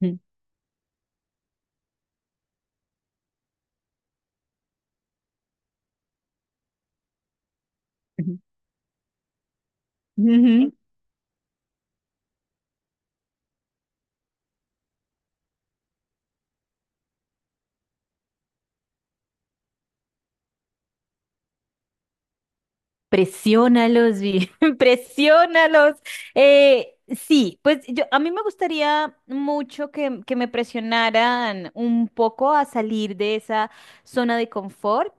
Ujú, ujú, ujú. Presiónalos, Vi, presiónalos. Sí, pues yo, a mí me gustaría mucho que me presionaran un poco a salir de esa zona de confort.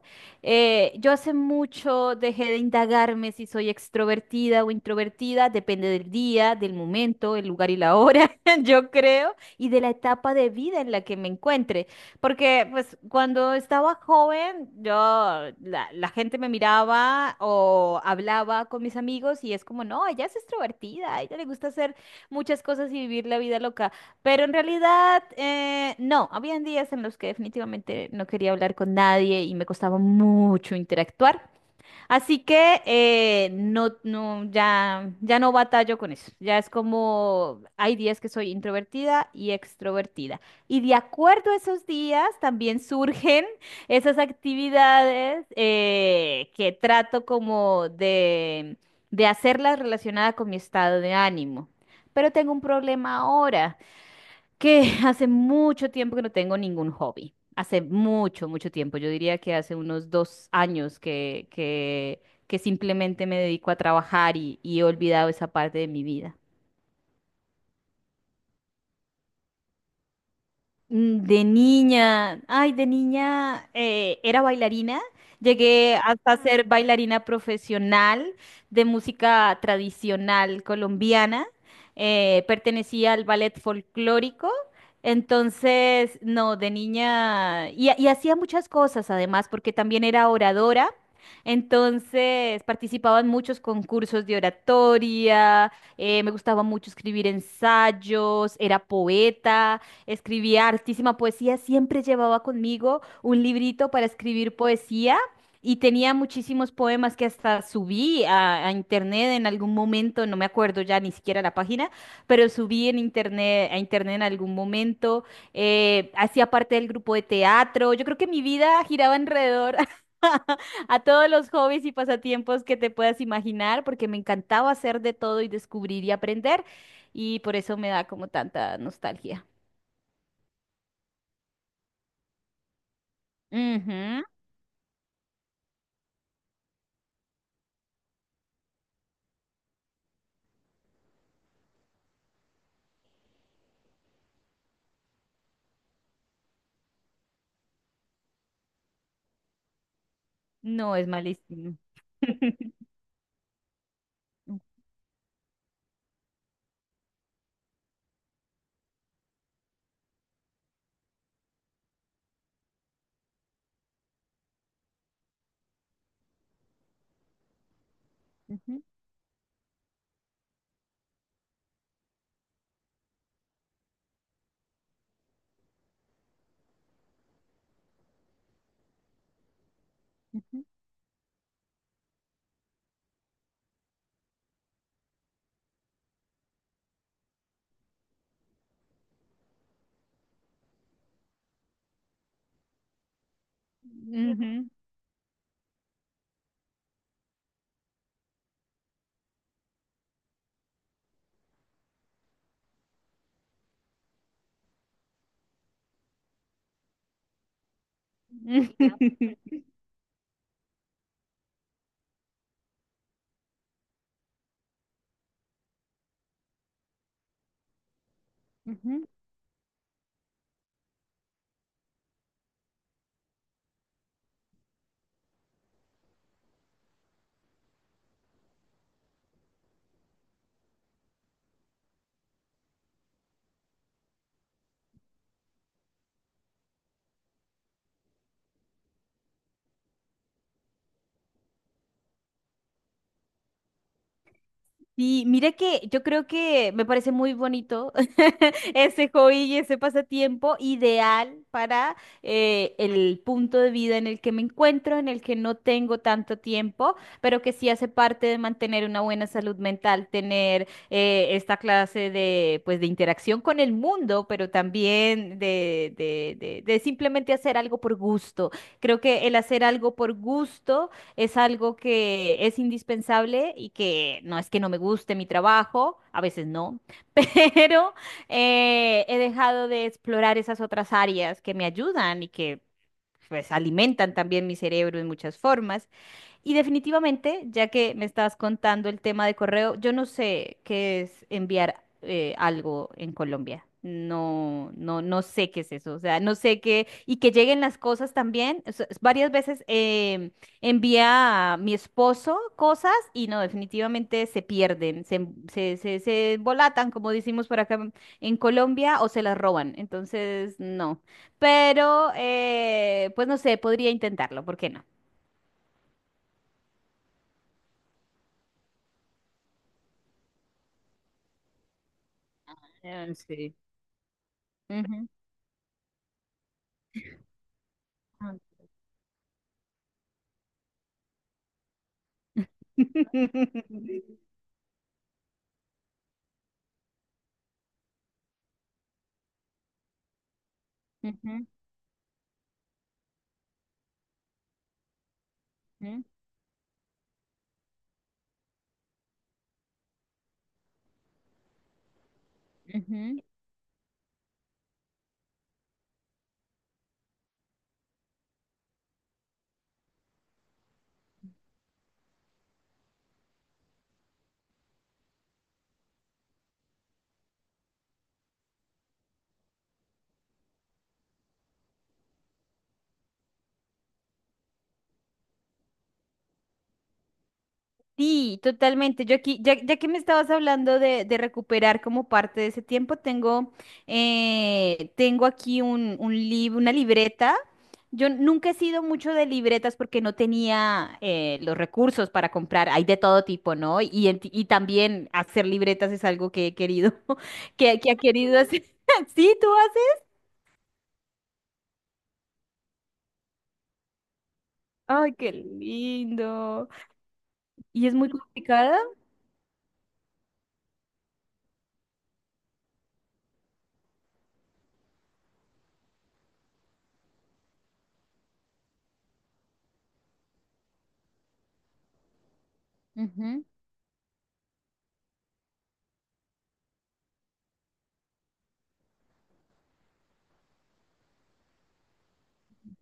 Yo hace mucho dejé de indagarme si soy extrovertida o introvertida, depende del día, del momento, el lugar y la hora, yo creo, y de la etapa de vida en la que me encuentre. Porque pues cuando estaba joven, yo, la gente me miraba o hablaba con mis amigos y es como, no, ella es extrovertida, a ella le gusta hacer muchas cosas y vivir la vida loca. Pero en realidad, no, habían días en los que definitivamente no quería hablar con nadie y me costaba mucho interactuar. Así que no, no, ya, ya no batallo con eso. Ya es como hay días que soy introvertida y extrovertida. Y de acuerdo a esos días también surgen esas actividades que trato como de hacerlas relacionadas con mi estado de ánimo. Pero tengo un problema ahora que hace mucho tiempo que no tengo ningún hobby. Hace mucho, mucho tiempo. Yo diría que hace unos dos años que simplemente me dedico a trabajar y he olvidado esa parte de mi vida. Mm. De niña, ay, de niña era bailarina, llegué hasta ser bailarina profesional de música tradicional colombiana, pertenecía al ballet folclórico, entonces, no, de niña, y hacía muchas cosas además, porque también era oradora, entonces participaba en muchos concursos de oratoria, me gustaba mucho escribir ensayos, era poeta, escribía hartísima poesía, siempre llevaba conmigo un librito para escribir poesía y tenía muchísimos poemas que hasta subí a internet en algún momento, no me acuerdo ya ni siquiera la página, pero subí en internet, a internet en algún momento, hacía parte del grupo de teatro, yo creo que mi vida giraba alrededor a todos los hobbies y pasatiempos que te puedas imaginar, porque me encantaba hacer de todo y descubrir y aprender, y por eso me da como tanta nostalgia. Ujú. No, es malísimo. Ujú, ujú, ujú, ujú, ujú. Sí, mira que yo creo que me parece muy bonito ese hobby y ese pasatiempo ideal para el punto de vida en el que me encuentro, en el que no tengo tanto tiempo, pero que sí hace parte de mantener una buena salud mental, tener esta clase de, pues, de interacción con el mundo, pero también de simplemente hacer algo por gusto. Creo que el hacer algo por gusto es algo que es indispensable y que no es que no me guste mi trabajo, a veces no, pero he dejado de explorar esas otras áreas que me ayudan y que pues alimentan también mi cerebro en muchas formas. Y definitivamente, ya que me estabas contando el tema de correo, yo no sé qué es enviar algo en Colombia. No, no, no sé qué es eso. O sea, no sé qué. Y que lleguen las cosas también. O sea, varias veces envía a mi esposo cosas y no, definitivamente se pierden, se, em- se embolatan, como decimos por acá en Colombia, o se las roban. Entonces, no. Pero, pues no sé, podría intentarlo, ¿por qué no? Sí. Ujú. Ujú, ujú, ujú. Sí, totalmente. Yo aquí, ya, ya que me estabas hablando de recuperar como parte de ese tiempo, tengo, tengo aquí una libreta. Yo nunca he sido mucho de libretas porque no tenía los recursos para comprar. Hay de todo tipo, ¿no? Y también hacer libretas es algo que he querido, que ha querido hacer. Sí, tú haces. Ay, qué lindo. ¿Y es muy complicada?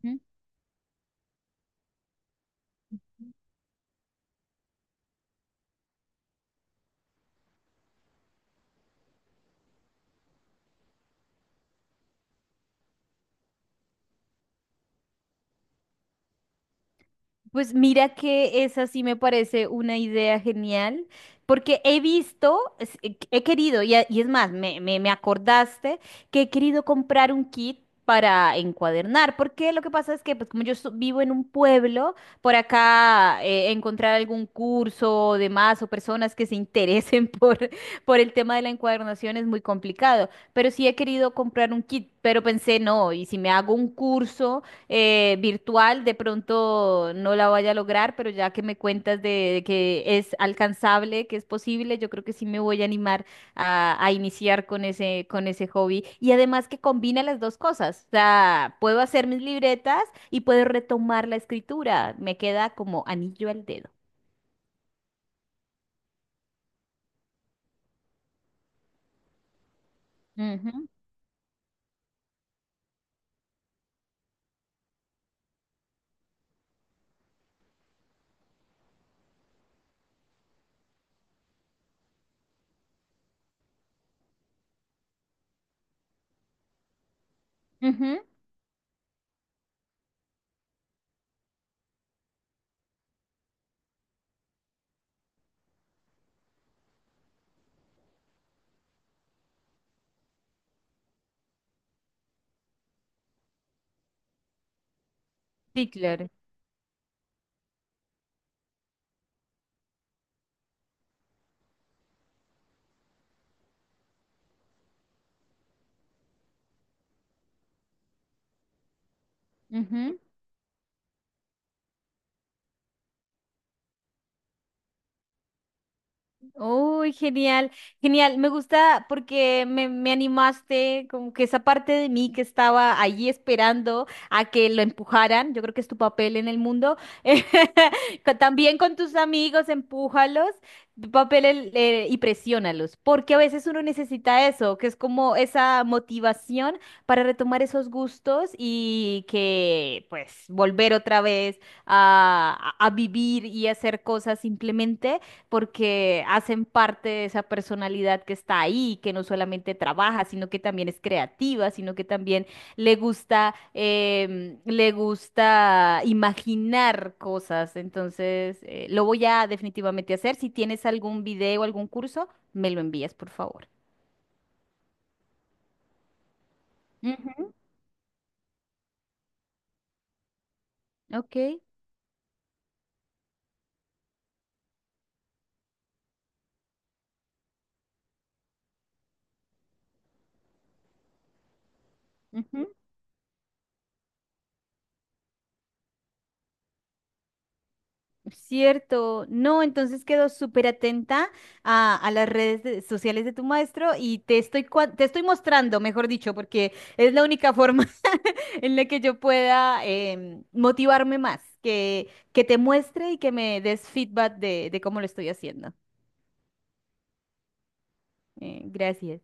Mm. Pues mira que esa sí me parece una idea genial, porque he visto, he querido, y es más, me acordaste que he querido comprar un kit para encuadernar, porque lo que pasa es que pues como yo vivo en un pueblo, por acá encontrar algún curso o demás o personas que se interesen por el tema de la encuadernación es muy complicado, pero sí he querido comprar un kit, pero pensé, no, y si me hago un curso virtual, de pronto no la vaya a lograr, pero ya que me cuentas de que es alcanzable, que es posible, yo creo que sí me voy a animar a iniciar con ese hobby. Y además que combina las dos cosas, o sea, puedo hacer mis libretas y puedo retomar la escritura, me queda como anillo al dedo. Ujú, ujú. Sí, claro. Uy, genial, genial. Me gusta porque me animaste, como que esa parte de mí que estaba allí esperando a que lo empujaran. Yo creo que es tu papel en el mundo. También con tus amigos, empújalos, tu papel y presiónalos, porque a veces uno necesita eso, que es como esa motivación para retomar esos gustos y que, pues, volver otra vez a, a vivir y hacer cosas simplemente porque hacen parte de esa personalidad que está ahí, que no solamente trabaja, sino que también es creativa, sino que también le gusta, le gusta imaginar cosas. Entonces, lo voy a definitivamente hacer. Si tienes algún video, algún curso, me lo envías, por favor. Ujú. Ok. Ujú. Cierto, no, entonces quedo súper atenta a las redes sociales de tu maestro y te estoy, te estoy mostrando, mejor dicho, porque es la única forma en la que yo pueda motivarme más, que te muestre y que me des feedback de cómo lo estoy haciendo. Gracias.